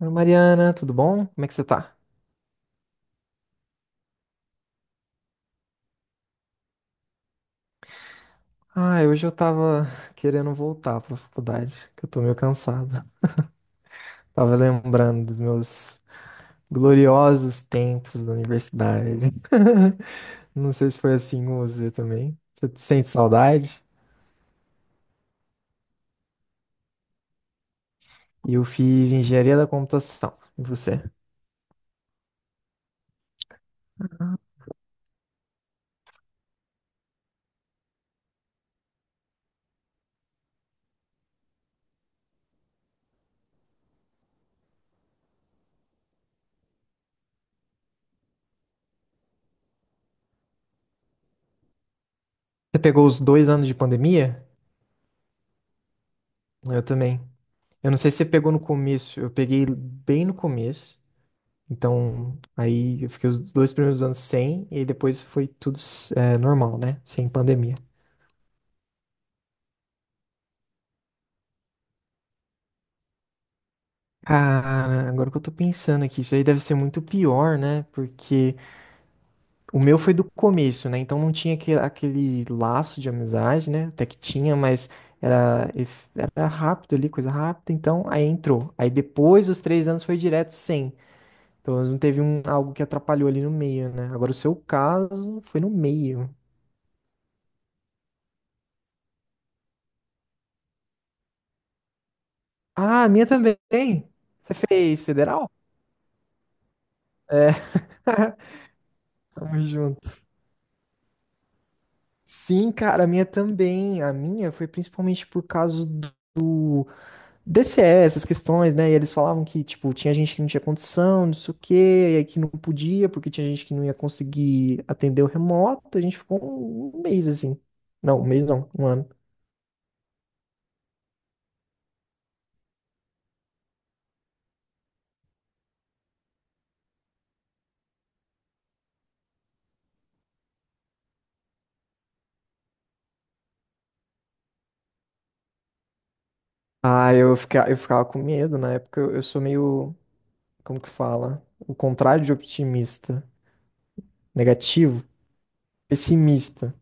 Oi, Mariana, tudo bom? Como é que você tá? Ah, hoje eu tava querendo voltar pra faculdade, que eu tô meio cansado. Tava lembrando dos meus gloriosos tempos da universidade. Não sei se foi assim com você também. Você sente saudade? Eu fiz engenharia da computação. E você? Você pegou os dois anos de pandemia? Eu também. Eu não sei se você pegou no começo. Eu peguei bem no começo. Então, aí eu fiquei os dois primeiros anos sem, e aí depois foi tudo normal, né? Sem pandemia. Cara, agora que eu tô pensando aqui, isso aí deve ser muito pior, né? Porque o meu foi do começo, né? Então não tinha aquele laço de amizade, né? Até que tinha, mas era, era rápido ali, coisa rápida. Então aí entrou. Aí depois dos três anos foi direto sem. Pelo menos não teve um, algo que atrapalhou ali no meio, né? Agora o seu caso foi no meio. Ah, a minha também. Você fez federal? É, tamo junto. Sim, cara, a minha também. A minha foi principalmente por causa do DCE, essas questões, né? E eles falavam que, tipo, tinha gente que não tinha condição, não sei o quê, e aí que não podia, porque tinha gente que não ia conseguir atender o remoto. A gente ficou um mês assim. Não, um mês não, um ano. Ah, eu ficava com medo. Na época eu sou meio, como que fala? O contrário de otimista, negativo. Pessimista.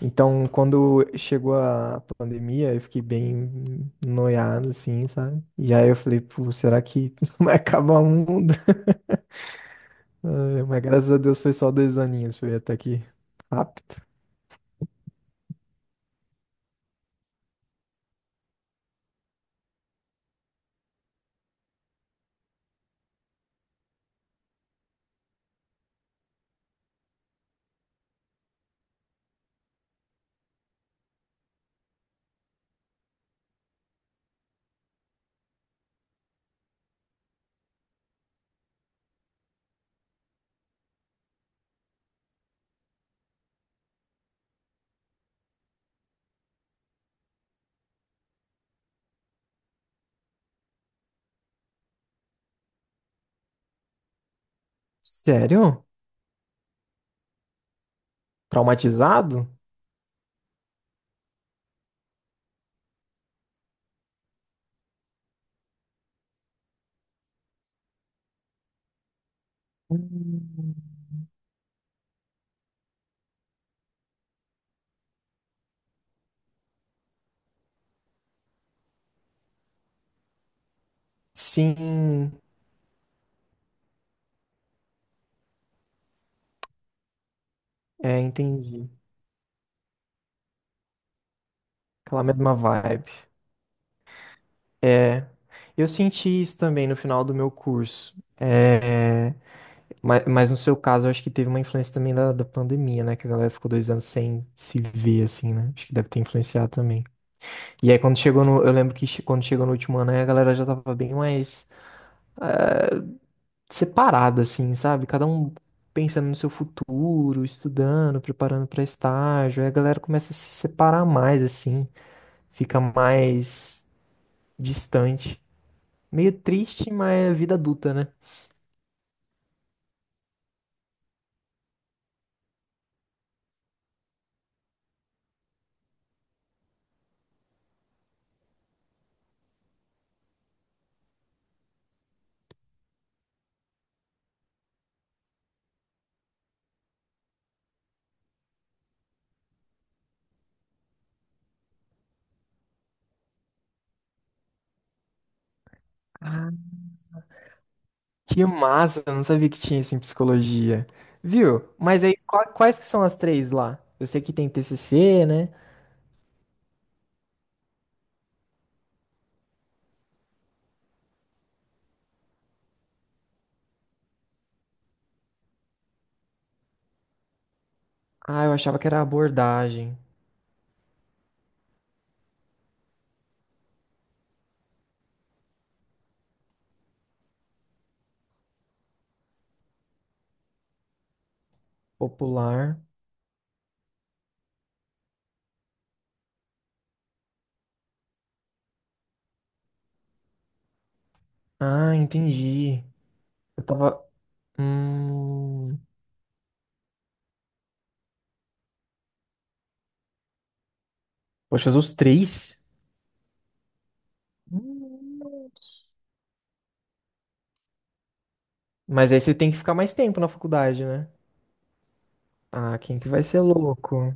Então, quando chegou a pandemia, eu fiquei bem noiado, assim, sabe? E aí eu falei, pô, será que isso vai acabar o mundo? Ai, mas graças a Deus foi só dois aninhos, foi até aqui rápido. Sério? Traumatizado? Hum. Sim, é, entendi. Aquela mesma vibe. É, eu senti isso também no final do meu curso. É, mas no seu caso, eu acho que teve uma influência também da pandemia, né? Que a galera ficou dois anos sem se ver, assim, né? Acho que deve ter influenciado também. E aí, quando chegou no. Eu lembro que quando chegou no último ano, aí a galera já tava bem mais separada, assim, sabe? Cada um pensando no seu futuro, estudando, preparando pra estágio. Aí a galera começa a se separar mais, assim. Fica mais distante. Meio triste, mas é vida adulta, né? Que massa, eu não sabia que tinha isso em psicologia. Viu? Mas aí, quais que são as três lá? Eu sei que tem TCC, né? Ah, eu achava que era abordagem. Popular. Ah, entendi. Eu tava. Hum... Poxa, fazer os três? Hum. Mas aí você tem que ficar mais tempo na faculdade, né? Ah, quem que vai ser louco?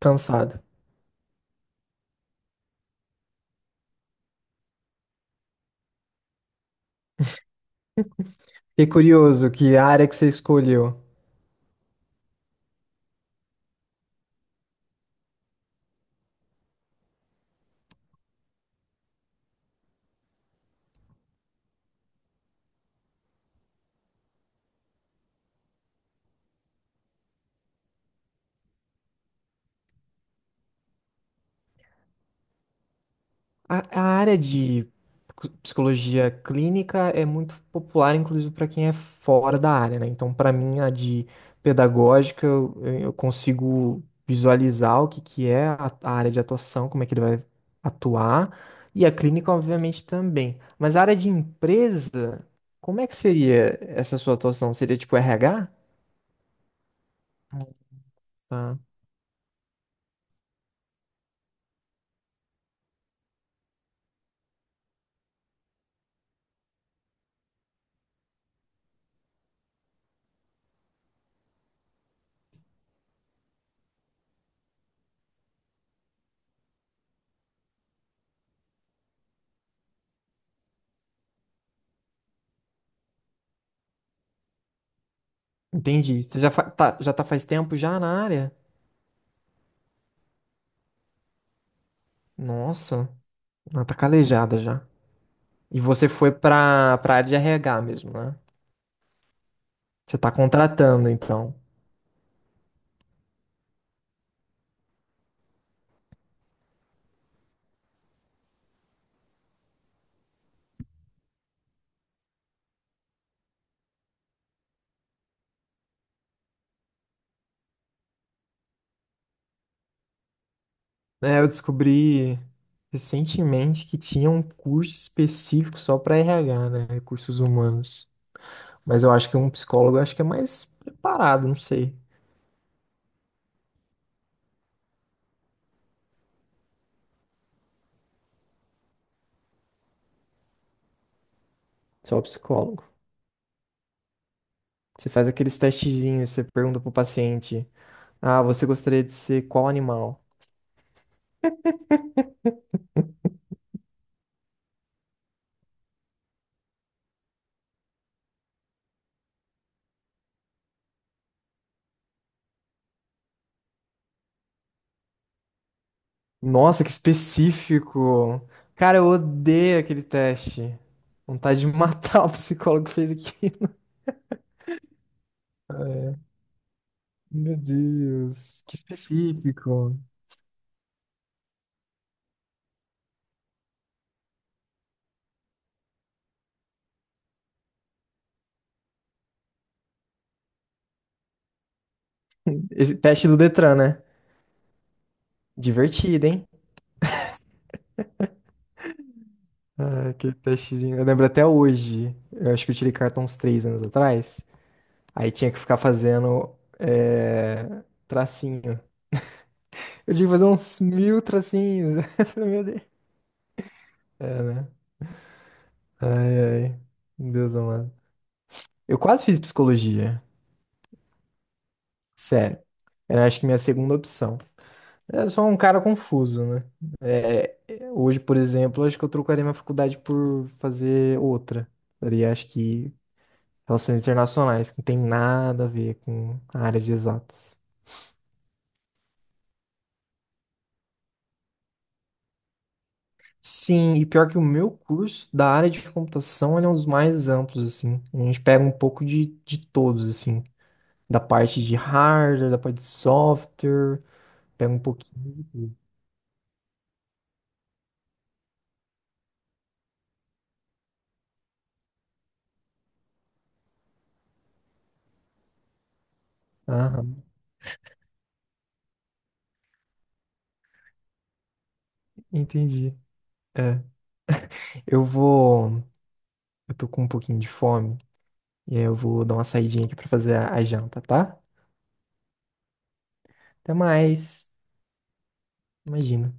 Cansado. Fiquei curioso, que área que você escolheu? A área de psicologia clínica é muito popular, inclusive para quem é fora da área, né? Então, para mim, a de pedagógica, eu consigo visualizar que é a área de atuação, como é que ele vai atuar, e a clínica, obviamente, também. Mas a área de empresa, como é que seria essa sua atuação? Seria tipo RH? Tá. Entendi. Você já, já tá faz tempo já na área? Nossa, ela tá calejada já. E você foi pra área de RH mesmo, né? Você tá contratando, então. É, eu descobri recentemente que tinha um curso específico só pra RH, né? Recursos humanos. Mas eu acho que um psicólogo eu acho que é mais preparado, não sei. Só o psicólogo. Você faz aqueles testezinhos, você pergunta pro paciente: Ah, você gostaria de ser qual animal? Nossa, que específico! Cara, eu odeio aquele teste. Vontade de matar o psicólogo que fez aquilo. Meu Deus, que específico. Esse teste do Detran, né? Divertido, hein? Ah, que testezinho. Eu lembro até hoje. Eu acho que eu tirei carta uns três anos atrás. Aí tinha que ficar fazendo tracinho. Eu tinha que fazer uns mil tracinhos. Eu falei, meu Deus. Ai, meu Deus amado. Eu quase fiz psicologia. Sério. Era acho que minha segunda opção. Eu sou um cara confuso, né? É, hoje, por exemplo, acho que eu trocaria minha faculdade por fazer outra. Faria, acho que, relações internacionais, que não tem nada a ver com a área de exatas. Sim, e pior que o meu curso da área de computação, ele é um dos mais amplos, assim. A gente pega um pouco de todos, assim. Da parte de hardware, da parte de software, pega um pouquinho de tudo. Aham, entendi. É. Eu vou. Eu tô com um pouquinho de fome. E aí eu vou dar uma saidinha aqui pra fazer a janta, tá? Até mais. Imagina.